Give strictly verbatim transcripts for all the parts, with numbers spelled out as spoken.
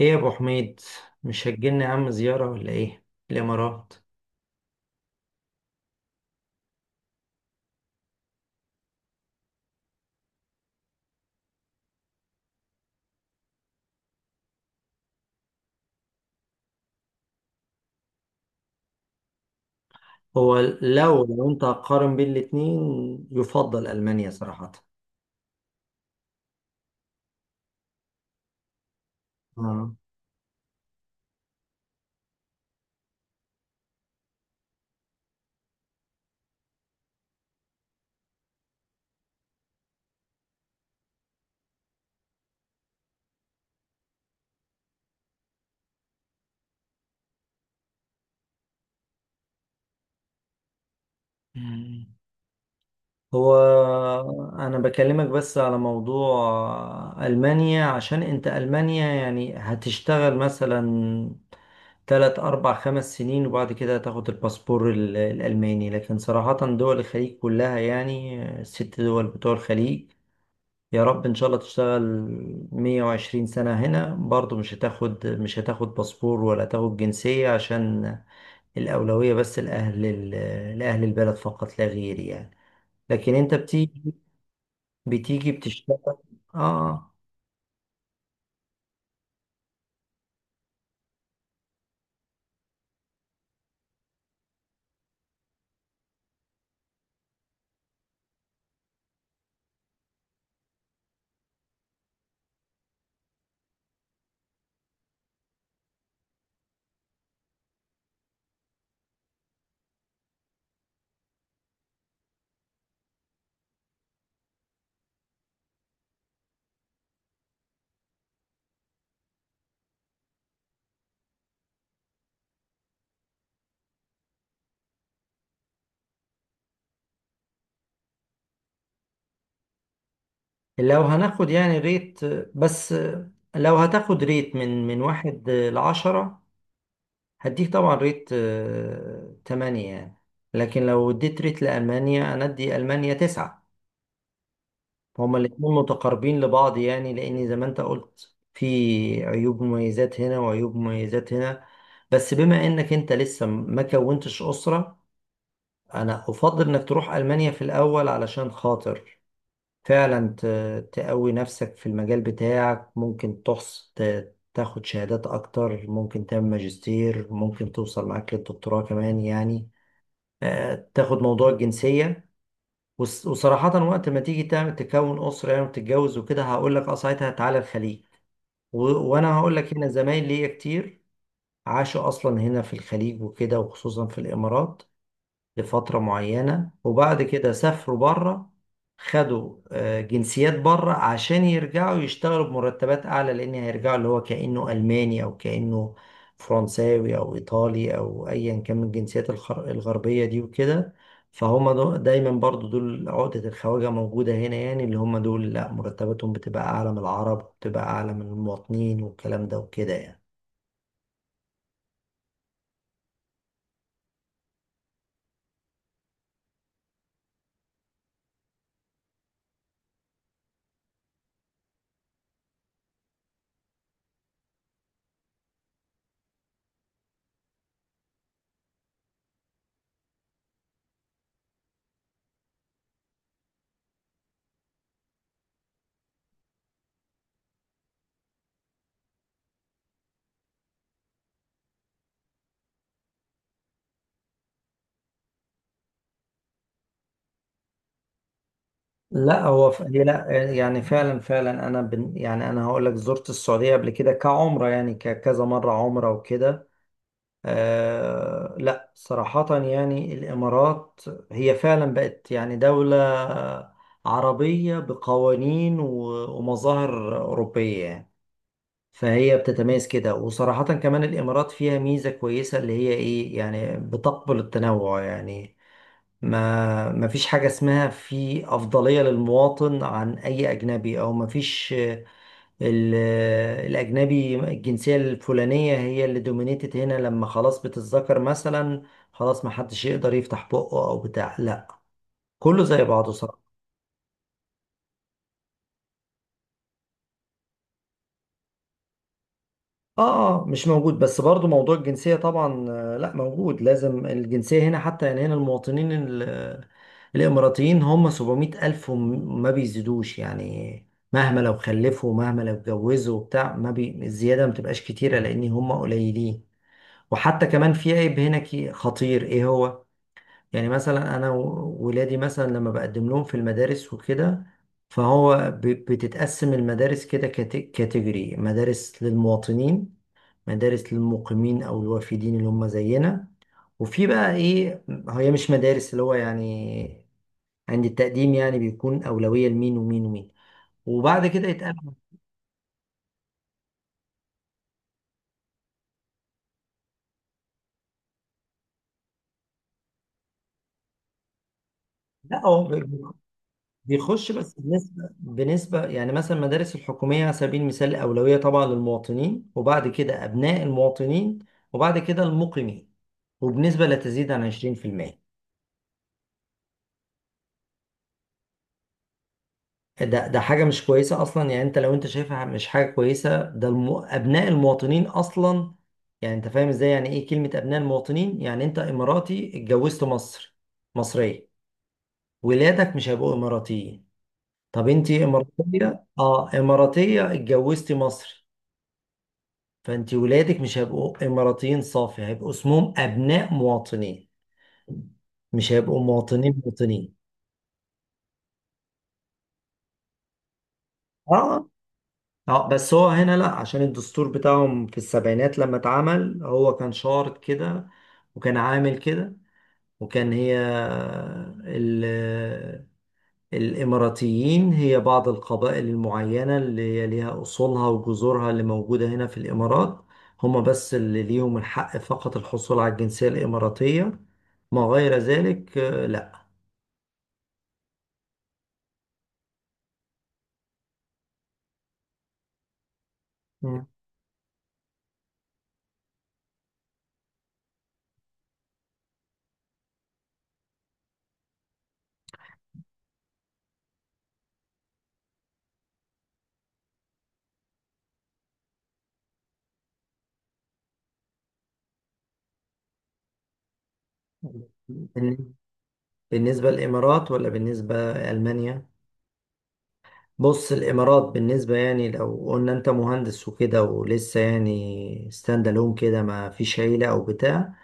ايه يا ابو حميد؟ مش هتجيلنا يا عم زيارة ولا ايه؟ الامارات. هو لو لو انت هتقارن بين الاتنين يفضل المانيا صراحة. آه. مم. هو انا بكلمك بس على موضوع المانيا، عشان انت المانيا يعني هتشتغل مثلا تلات اربع خمس سنين وبعد كده هتاخد الباسبور ال- الالماني، لكن صراحة دول الخليج كلها يعني الست دول بتوع الخليج، يا رب ان شاء الله تشتغل 120 سنة هنا برضو مش هتاخد مش هتاخد باسبور ولا هتاخد جنسية، عشان الأولوية بس لأهل ال- لأهل البلد فقط لا غير يعني. لكن انت بتيجي بتيجي بتشتغل. اه. لو هناخد يعني ريت، بس لو هتاخد ريت من من واحد لعشرة، هديك طبعا ريت آه، تمانية يعني. لكن لو اديت ريت لألمانيا أنا أدي ألمانيا تسعة. هما الاتنين متقاربين لبعض يعني، لأن زي ما أنت قلت في عيوب مميزات هنا وعيوب مميزات هنا. بس بما إنك أنت لسه ما كونتش أسرة، أنا أفضل إنك تروح ألمانيا في الأول، علشان خاطر فعلا ت- تقوي نفسك في المجال بتاعك، ممكن تحص ت- تاخد شهادات أكتر، ممكن تعمل ماجستير، ممكن توصل معاك للدكتوراه كمان يعني. آه، تاخد موضوع الجنسية. وص- وصراحة وقت ما تيجي تعمل تكون أسرة يعني وتتجوز وكده، هقول لك أه ساعتها تعالى الخليج. و... وأنا هقول لك هنا زمايل ليا كتير عاشوا أصلا هنا في الخليج وكده، وخصوصا في الإمارات، لفترة معينة وبعد كده سافروا بره. خدوا آه، جنسيات بره عشان يرجعوا يشتغلوا بمرتبات أعلى، لأن هيرجعوا اللي هو كأنه ألماني أو كأنه فرنساوي أو إيطالي أو أيا كان من الجنسيات الخر- الغربية دي وكده. فهم دو- دايما برضو دول عقدة الخواجة موجودة هنا يعني، اللي هم دول لا مرتباتهم بتبقى أعلى من العرب وبتبقى أعلى من المواطنين والكلام ده وكده يعني. لا هو ف... هي لا يعني فعلا فعلا انا بن... يعني انا هقول لك زرت السعوديه قبل كده كعمره يعني ك... كذا مره عمره وكده. آه... لا صراحه يعني الامارات هي فعلا بقت يعني دوله عربيه بقوانين و... ومظاهر اوروبيه يعني. فهي بتتميز كده، وصراحه كمان الامارات فيها ميزه كويسه اللي هي ايه يعني، بتقبل التنوع يعني. ما ما فيش حاجة اسمها في أفضلية للمواطن عن أي أجنبي، أو ما فيش آه، ال- آه، الأجنبي الجنسية الفلانية هي اللي دومينيتد هنا لما خلاص بتتذكر مثلا، خلاص ما حدش يقدر يفتح بقه أو بتاع، لا كله زي بعضه. اه، اه، مش موجود، بس برضو موضوع الجنسية طبعا آه، لا، موجود، لازم الجنسية هنا حتى يعني. هنا المواطنين ال- الإماراتيين هم 700 ألف وما بيزيدوش يعني، مهما لو خلفوا مهما لو اتجوزوا وبتاع ما بي الزيادة ما بتبقاش كتيرة، لأن هم قليلين. وحتى كمان في عيب هنا كي- خطير، إيه هو؟ يعني مثلا أنا و- ولادي مثلا لما بقدم لهم في المدارس وكده، فهو ب- بتتقسم المدارس كده كات- كاتيجوري، مدارس للمواطنين، مدارس للمقيمين او الوافدين اللي هم زينا. وفي بقى ايه هي مش مدارس اللي هو يعني، عند التقديم يعني بيكون اولويه لمين ومين ومين وبعد كده يتقابل. لا هو بي- بيخش بس بنسبه بنسبه يعني مثلا المدارس الحكوميه على سبيل المثال، اولويه طبعا للمواطنين، وبعد كده ابناء المواطنين، وبعد كده المقيمين، وبنسبه لا تزيد عن عشرين في المية. ده ده حاجة مش كويسة أصلا يعني. أنت لو أنت شايفها مش حاجة كويسة، ده الم... أبناء المواطنين أصلا. يعني أنت فاهم إزاي يعني إيه كلمة أبناء المواطنين؟ يعني أنت إماراتي اتجوزت مصر، مصرية، ولادك مش هيبقوا إماراتيين. طب أنت إماراتية، أه إماراتية اتجوزتي مصري، فأنت ولادك مش هيبقوا إماراتيين صافي، هيبقوا اسمهم أبناء مواطنين، مش هيبقوا مواطنين مواطنين. اه، اه، بس هو هنا لا عشان الدستور بتاعهم في السبعينات لما اتعمل هو كان شارط كده، وكان عامل كده، وكان هي ال الإماراتيين هي بعض القبائل المعينة اللي هي ليها أصولها وجذورها اللي موجودة هنا في الإمارات، هما بس اللي ليهم الحق فقط الحصول على الجنسية الإماراتية. ما غير ذلك آه، لا. مم. بالنسبة للإمارات ولا بالنسبة لألمانيا؟ بص الامارات بالنسبه يعني، لو قلنا انت مهندس وكده ولسه يعني ستاند الون كده ما فيش عيله او بتاع،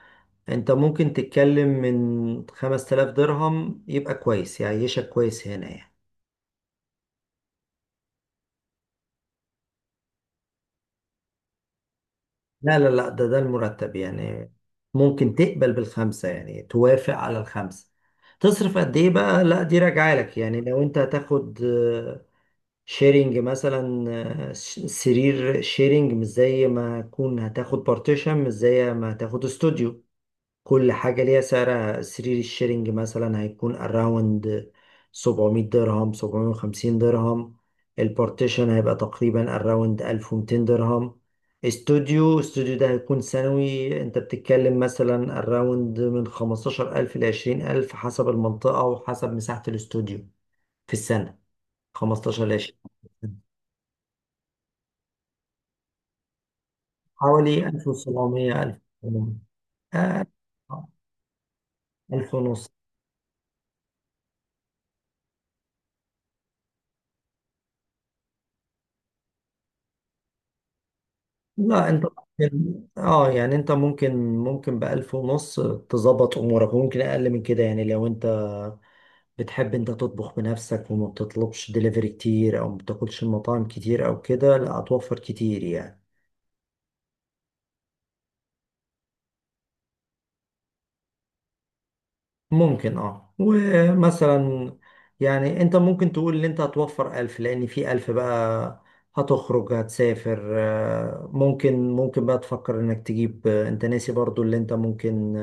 انت ممكن تتكلم من خمسة آلاف درهم، يبقى كويس يعيشك كويس هنا يعني. لا، لا، لا، ده ده المرتب يعني. ممكن تقبل بالخمسه يعني، توافق على الخمسه. تصرف قد ايه بقى لا دي راجعه لك يعني. لو انت هتاخد شيرنج مثلا، آه، ش- سرير شيرنج مش زي ما تكون هتاخد بارتيشن مش زي ما هتاخد استوديو. كل حاجة ليها سعرها. سرير الشيرنج مثلا هيكون اراوند سبعمية درهم، سبعمية وخمسين درهم. البارتيشن هيبقى تقريبا اراوند ألف ومئتين درهم. استوديو، استوديو ده هيكون سنوي، انت بتتكلم مثلا اراوند من خمستاشر ألف ل عشرين ألف حسب المنطقة وحسب مساحة الاستوديو في السنة. خمستاشر ل عشرين، حوالي ألف وسبعمية، ألف. آه، ألف ونص. لا انت ممكن، اه يعني انت ممكن، ممكن ب ألف ونص تظبط امورك، وممكن اقل من كده يعني. لو انت بتحب انت تطبخ بنفسك وما بتطلبش دليفري كتير او ما بتاكلش المطاعم كتير او كده، لا هتوفر كتير يعني. ممكن اه، ومثلا يعني انت ممكن تقول ان انت هتوفر ألف، لان في ألف بقى هتخرج هتسافر، آه، ممكن ممكن بقى تفكر انك تجيب، آه، انت ناسي برضو اللي انت ممكن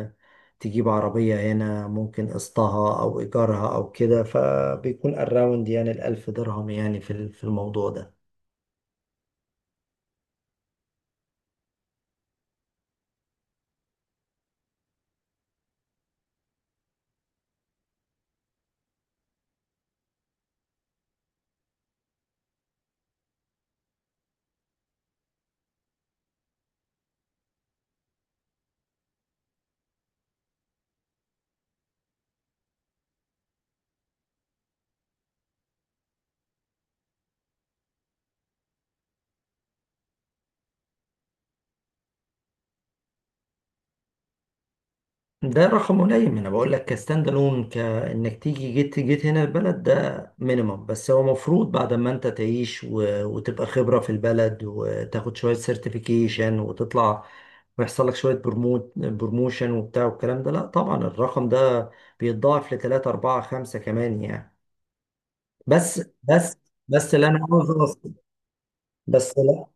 تجيب عربية هنا ممكن قسطها او ايجارها او كده، فبيكون الراوند يعني الألف درهم يعني في ال- في الموضوع ده ده رقم قليل، ما انا بقول لك كستاند الون، كانك تيجي جيت جيت هنا البلد ده مينيمم. بس هو مفروض بعد ما انت تعيش و... وتبقى خبرة في البلد، وتاخد شوية سيرتيفيكيشن، وتطلع ويحصل لك شوية برموت، بروموشن وبتاع والكلام ده، لا طبعا الرقم ده بيتضاعف لتلاتة أربعة خمسة كمان يعني. بس بس بس اللي انا عاوز اوصل، بس لا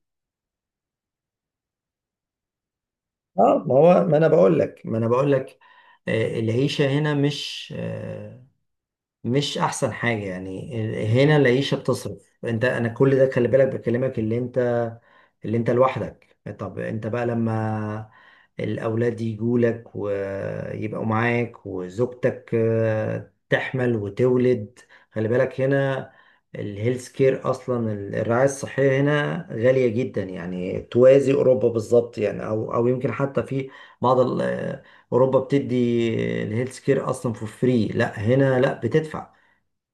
اه، ما هو ما انا بقول لك ما انا بقول لك. آه، العيشة هنا مش آه، مش احسن حاجه يعني. هنا العيشه بتصرف، انت انا كل ده خلي بالك بكلمك اللي انت، اللي انت لوحدك. طب انت بقى لما الاولاد يجوا لك ويبقوا معاك وزوجتك آه، تحمل وتولد، خلي بالك هنا الهيلث كير اصلا، الرعايه الصحيه هنا غاليه جدا يعني، توازي اوروبا بالظبط يعني، او او يمكن حتى في بعض اوروبا بتدي الهيلث كير اصلا فور فري. لا هنا لا بتدفع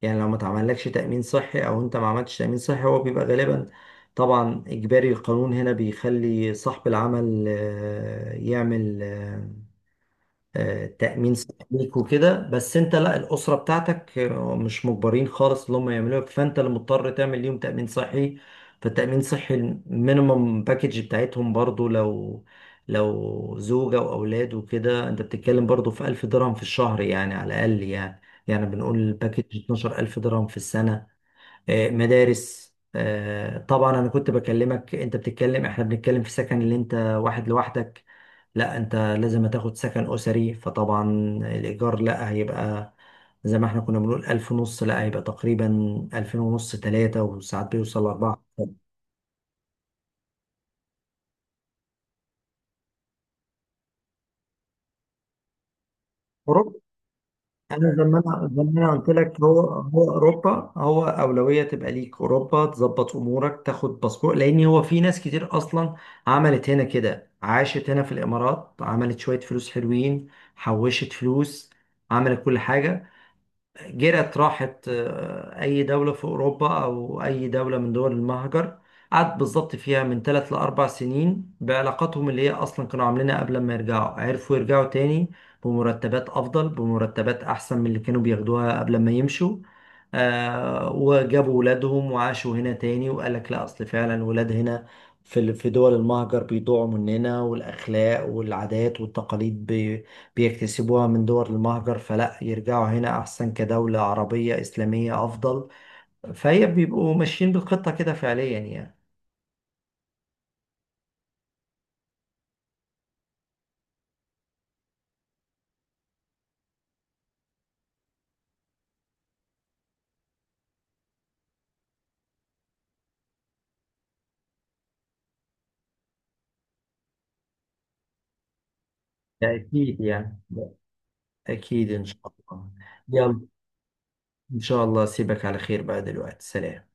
يعني، لو ما تعملكش تامين صحي او انت ما عملتش تامين صحي هو بيبقى غالبا طبعا اجباري. القانون هنا بيخلي صاحب العمل آه، يعمل آه، آه، تأمين صحيك وكده، بس انت لا، الأسرة بتاعتك آه، مش مجبرين خالص اللي هم يعملوها، فانت اللي مضطر تعمل ليهم تأمين صحي. فالتأمين صحي المينيمم باكج بتاعتهم برضو، لو لو زوجة وأولاد وكده، انت بتتكلم برضو في ألف درهم في الشهر يعني على الأقل يعني. يعني بنقول الباكج اثنا عشر ألف درهم في السنة. آه، مدارس آه، طبعا. أنا كنت بكلمك أنت بتتكلم، إحنا بنتكلم في سكن اللي أنت واحد لوحدك، لا انت لازم تاخد سكن اسري، فطبعا الايجار لا هيبقى زي ما احنا كنا بنقول الف ونص، لا هيبقى تقريبا الفين ونص تلاتة وساعات بيوصل لاربعة. اوروبا. انا زي ما انا زي ما انا قلت لك، هو هو اوروبا هو اولوية تبقى ليك اوروبا، تظبط امورك تاخد باسبور. لان هو في ناس كتير اصلا عملت هنا كده، عاشت هنا في الامارات، عملت شوية فلوس حلوين، حوشت فلوس، عملت كل حاجة، جرت راحت آه، أي دولة في أوروبا أو أي دولة من دول المهجر، قعدت بالظبط فيها من ثلاث لأربع سنين. بعلاقاتهم اللي هي أصلا كانوا عاملينها قبل ما يرجعوا، عرفوا يرجعوا تاني بمرتبات أفضل، بمرتبات أحسن من اللي كانوا بياخدوها قبل ما يمشوا. آه وجابوا ولادهم وعاشوا هنا تاني، وقال لك لا أصل فعلا ولاد هنا في ال- في دول المهجر بيضيعوا مننا، والأخلاق والعادات والتقاليد بيكتسبوها من دول المهجر، فلا يرجعوا هنا أحسن كدولة عربية إسلامية أفضل. فهي بيبقوا ماشيين بالخطة كده فعليا يعني. ده أكيد يعني، ده أكيد إن شاء الله. يلا، إن شاء الله أسيبك على خير بقى دلوقتي، سلام.